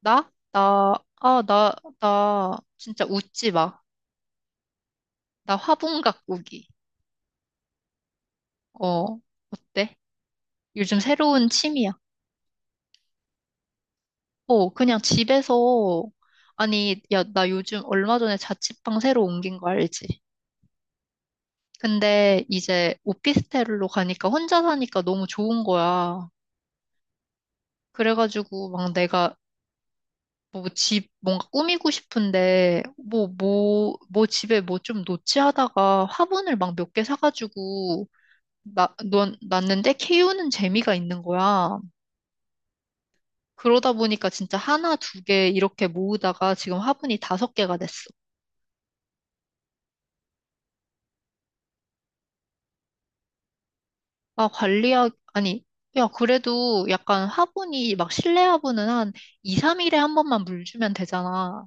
나? 아, 나, 나, 진짜 웃지 마. 나 화분 가꾸기. 어. 어때? 요즘 새로운 취미야. 어, 그냥 집에서, 아니, 야, 나 요즘 얼마 전에 자취방 새로 옮긴 거 알지? 근데 이제 오피스텔로 가니까 혼자 사니까 너무 좋은 거야. 그래가지고 막 내가 뭐 집 뭔가 꾸미고 싶은데 뭐 집에 뭐 좀 놓지 하다가 화분을 막 몇 개 사가지고 났는데 KU는 재미가 있는 거야. 그러다 보니까 진짜 하나, 두 개 이렇게 모으다가 지금 화분이 다섯 개가 됐어. 아, 관리하 아니, 야, 그래도 약간 화분이 막 실내 화분은 한 2, 3일에 한 번만 물 주면 되잖아.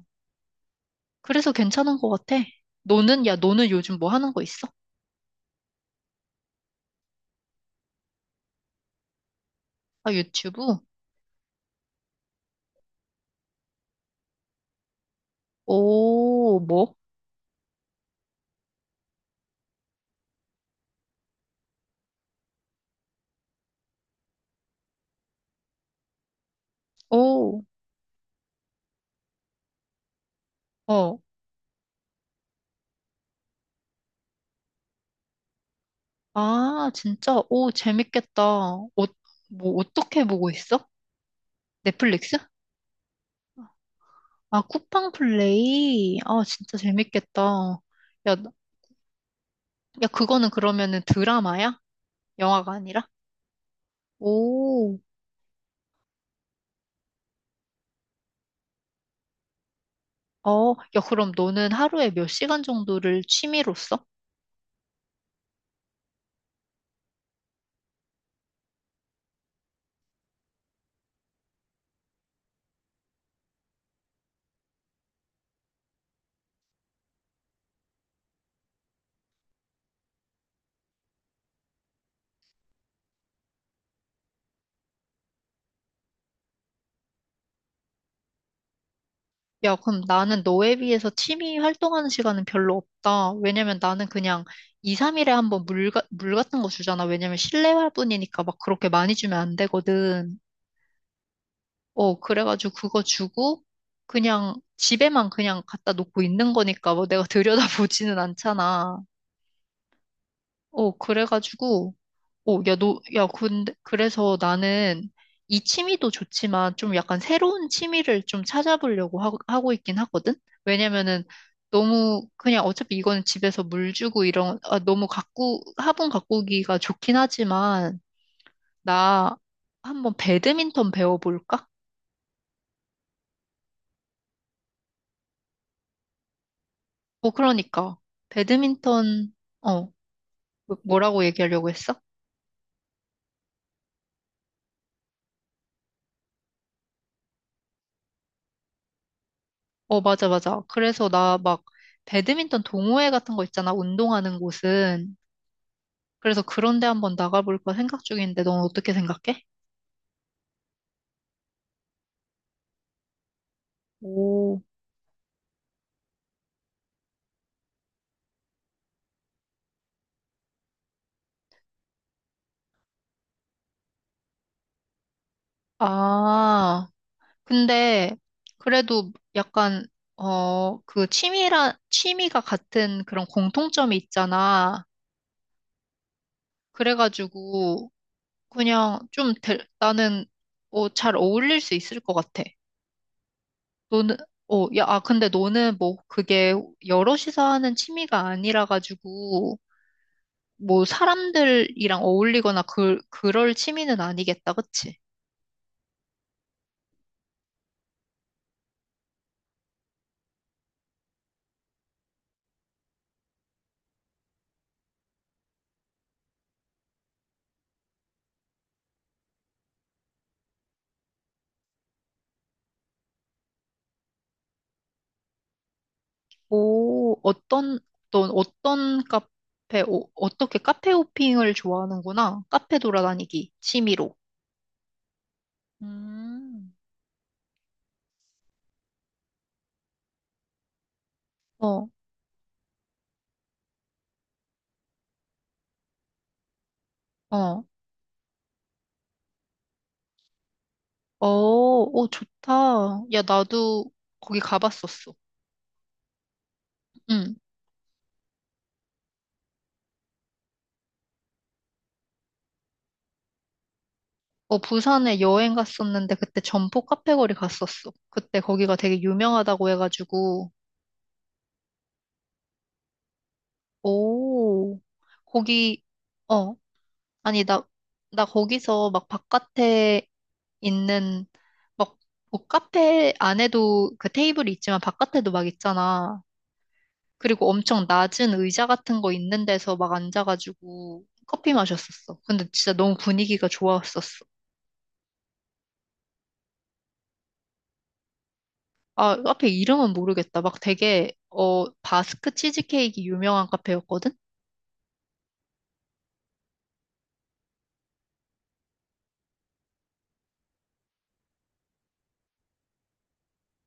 그래서 괜찮은 것 같아. 야, 너는 요즘 뭐 하는 거 있어? 아, 유튜브? 오, 뭐? 오, 어. 아, 진짜? 오, 재밌겠다. 어, 뭐, 어떻게 보고 있어? 넷플릭스? 아, 쿠팡 플레이? 아, 진짜 재밌겠다. 야, 나- 야, 그거는 그러면은 드라마야? 영화가 아니라? 오, 어. 야, 그럼 너는 하루에 몇 시간 정도를 취미로 써? 야, 그럼 나는 너에 비해서 취미 활동하는 시간은 별로 없다. 왜냐면 나는 그냥 2, 3일에 한번 물 같은 거 주잖아. 왜냐면 실내 화분이니까 막 그렇게 많이 주면 안 되거든. 어, 그래가지고 그거 주고 그냥 집에만 그냥 갖다 놓고 있는 거니까 뭐 내가 들여다보지는 않잖아. 어, 그래가지고 근데 그래서 나는 이 취미도 좋지만 좀 약간 새로운 취미를 좀 찾아보려고 하고 있긴 하거든? 왜냐면은 너무 그냥 어차피 이거는 집에서 물 주고 이런 아, 너무 가꾸 화분 가꾸기가 좋긴 하지만 나 한번 배드민턴 배워볼까? 어, 그러니까. 배드민턴. 어, 뭐라고 얘기하려고 했어? 어, 맞아, 맞아. 그래서 나 막, 배드민턴 동호회 같은 거 있잖아, 운동하는 곳은. 그래서 그런 데 한번 나가볼까 생각 중인데, 넌 어떻게 생각해? 오. 아, 근데, 그래도 약간, 어, 취미가 같은 그런 공통점이 있잖아. 그래가지고, 그냥 좀, 나는, 어, 잘 어울릴 수 있을 것 같아. 너는, 어, 야, 아, 근데 너는 뭐 그게 여럿이서 하는 취미가 아니라 가지고 뭐 사람들이랑 어울리거나 그럴 취미는 아니겠다, 그치? 오, 오, 어떻게 카페 호핑을 좋아하는구나. 카페 돌아다니기, 취미로. 음. 어, 어, 어. 오, 좋다. 야, 나도 거기 가봤었어. 응. 어, 부산에 여행 갔었는데 그때 점포 카페거리 갔었어. 그때 거기가 되게 유명하다고 해가지고. 오, 거기, 어, 아니, 나 거기서 막 바깥에 있는, 막, 뭐 카페 안에도 그 테이블이 있지만 바깥에도 막 있잖아. 그리고 엄청 낮은 의자 같은 거 있는 데서 막 앉아가지고 커피 마셨었어. 근데 진짜 너무 분위기가 좋았었어. 아, 카페 이름은 모르겠다. 막 되게, 바스크 치즈케이크 유명한 카페였거든?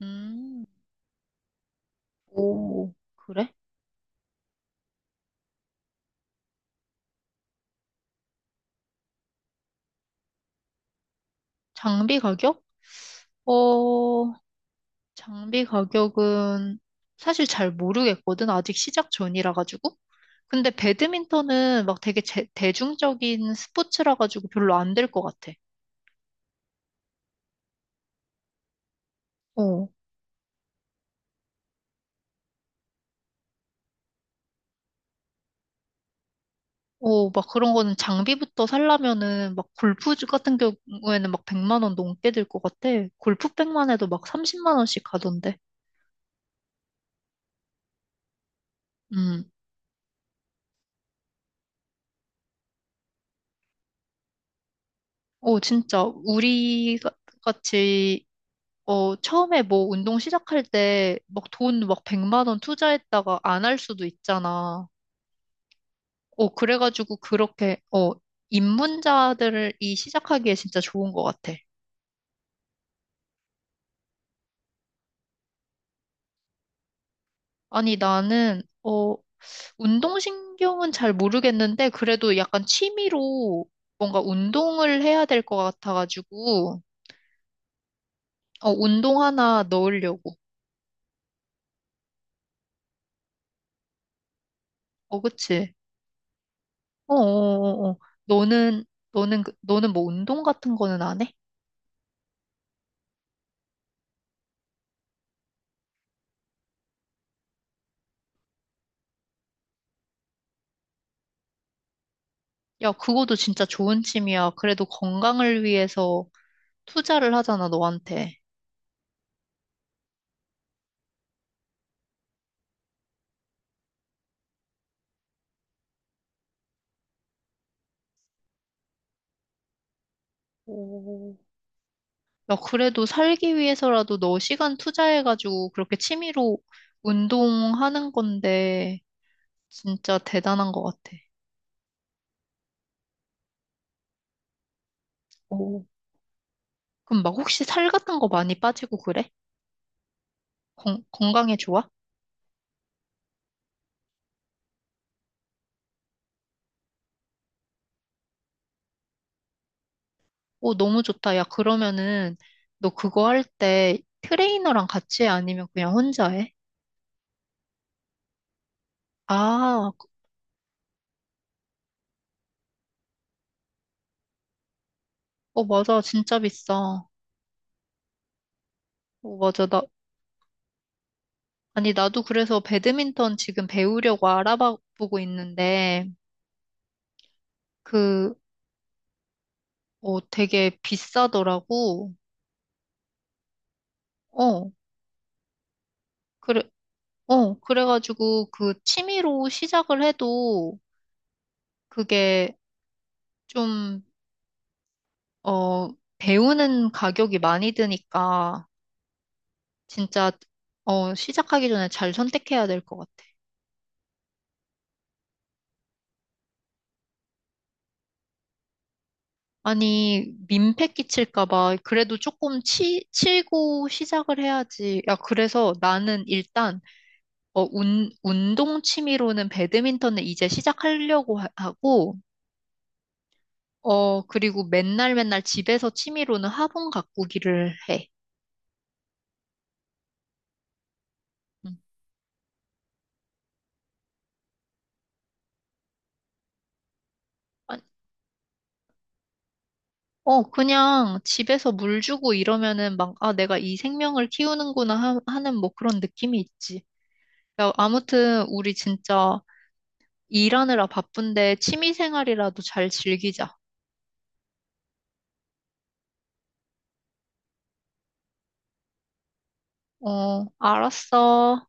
음. 오, 그래? 장비 가격? 어, 장비 가격은 사실 잘 모르겠거든. 아직 시작 전이라 가지고. 근데 배드민턴은 막 되게 대중적인 스포츠라 가지고 별로 안 될 것 같아. 어. 어, 막 그런 거는 장비부터 살려면은 막 골프 같은 경우에는 막 100만 원 넘게 들 것 같아. 골프백만 해도 막 30만 원씩 가던데. 음. 어, 진짜, 우리 같이, 어, 처음에 뭐 운동 시작할 때, 막 돈 막 100만 원 투자했다가 안 할 수도 있잖아. 어, 그래가지고 그렇게, 입문자들이 시작하기에 진짜 좋은 것 같아. 아니, 나는, 운동신경은 잘 모르겠는데, 그래도 약간 취미로 뭔가 운동을 해야 될 것 같아가지고, 어, 운동 하나 넣으려고. 어, 그치? 어, 어, 어, 어. 너는, 너는 뭐 운동 같은 거는 안 해? 야, 그거도 진짜 좋은 취미야. 그래도 건강을 위해서 투자를 하잖아, 너한테. 오. 야, 그래도 살기 위해서라도 너 시간 투자해가지고 그렇게 취미로 운동하는 건데, 진짜 대단한 것 같아. 오. 그럼 막 혹시 살 같은 거 많이 빠지고 그래? 건강에 좋아? 오, 너무 좋다. 야, 그러면은 너 그거 할 때 트레이너랑 같이 해? 아니면 그냥 혼자 해? 아, 맞아. 진짜 비싸. 어, 맞아. 아니, 나도 그래서 배드민턴 지금 배우려고 알아보고 있는데, 그, 되게 비싸더라고. 어, 그래. 어, 그래가지고 그 취미로 시작을 해도 그게 좀, 어, 배우는 가격이 많이 드니까 진짜, 시작하기 전에 잘 선택해야 될 것 같아. 아니, 민폐 끼칠까 봐. 그래도 조금 치고 시작을 해야지. 야, 그래서 나는 일단, 운동 취미로는 배드민턴을 이제 시작하려고 하고, 어, 그리고 맨날 맨날 집에서 취미로는 화분 가꾸기를 해. 음. 아, 그냥 집에서 물 주고 이러면은 막, 아, 내가 이 생명을 키우는구나 하는 뭐 그런 느낌이 있지. 야, 아무튼 우리 진짜 일하느라 바쁜데 취미 생활이라도 잘 즐기자. 어, 알았어.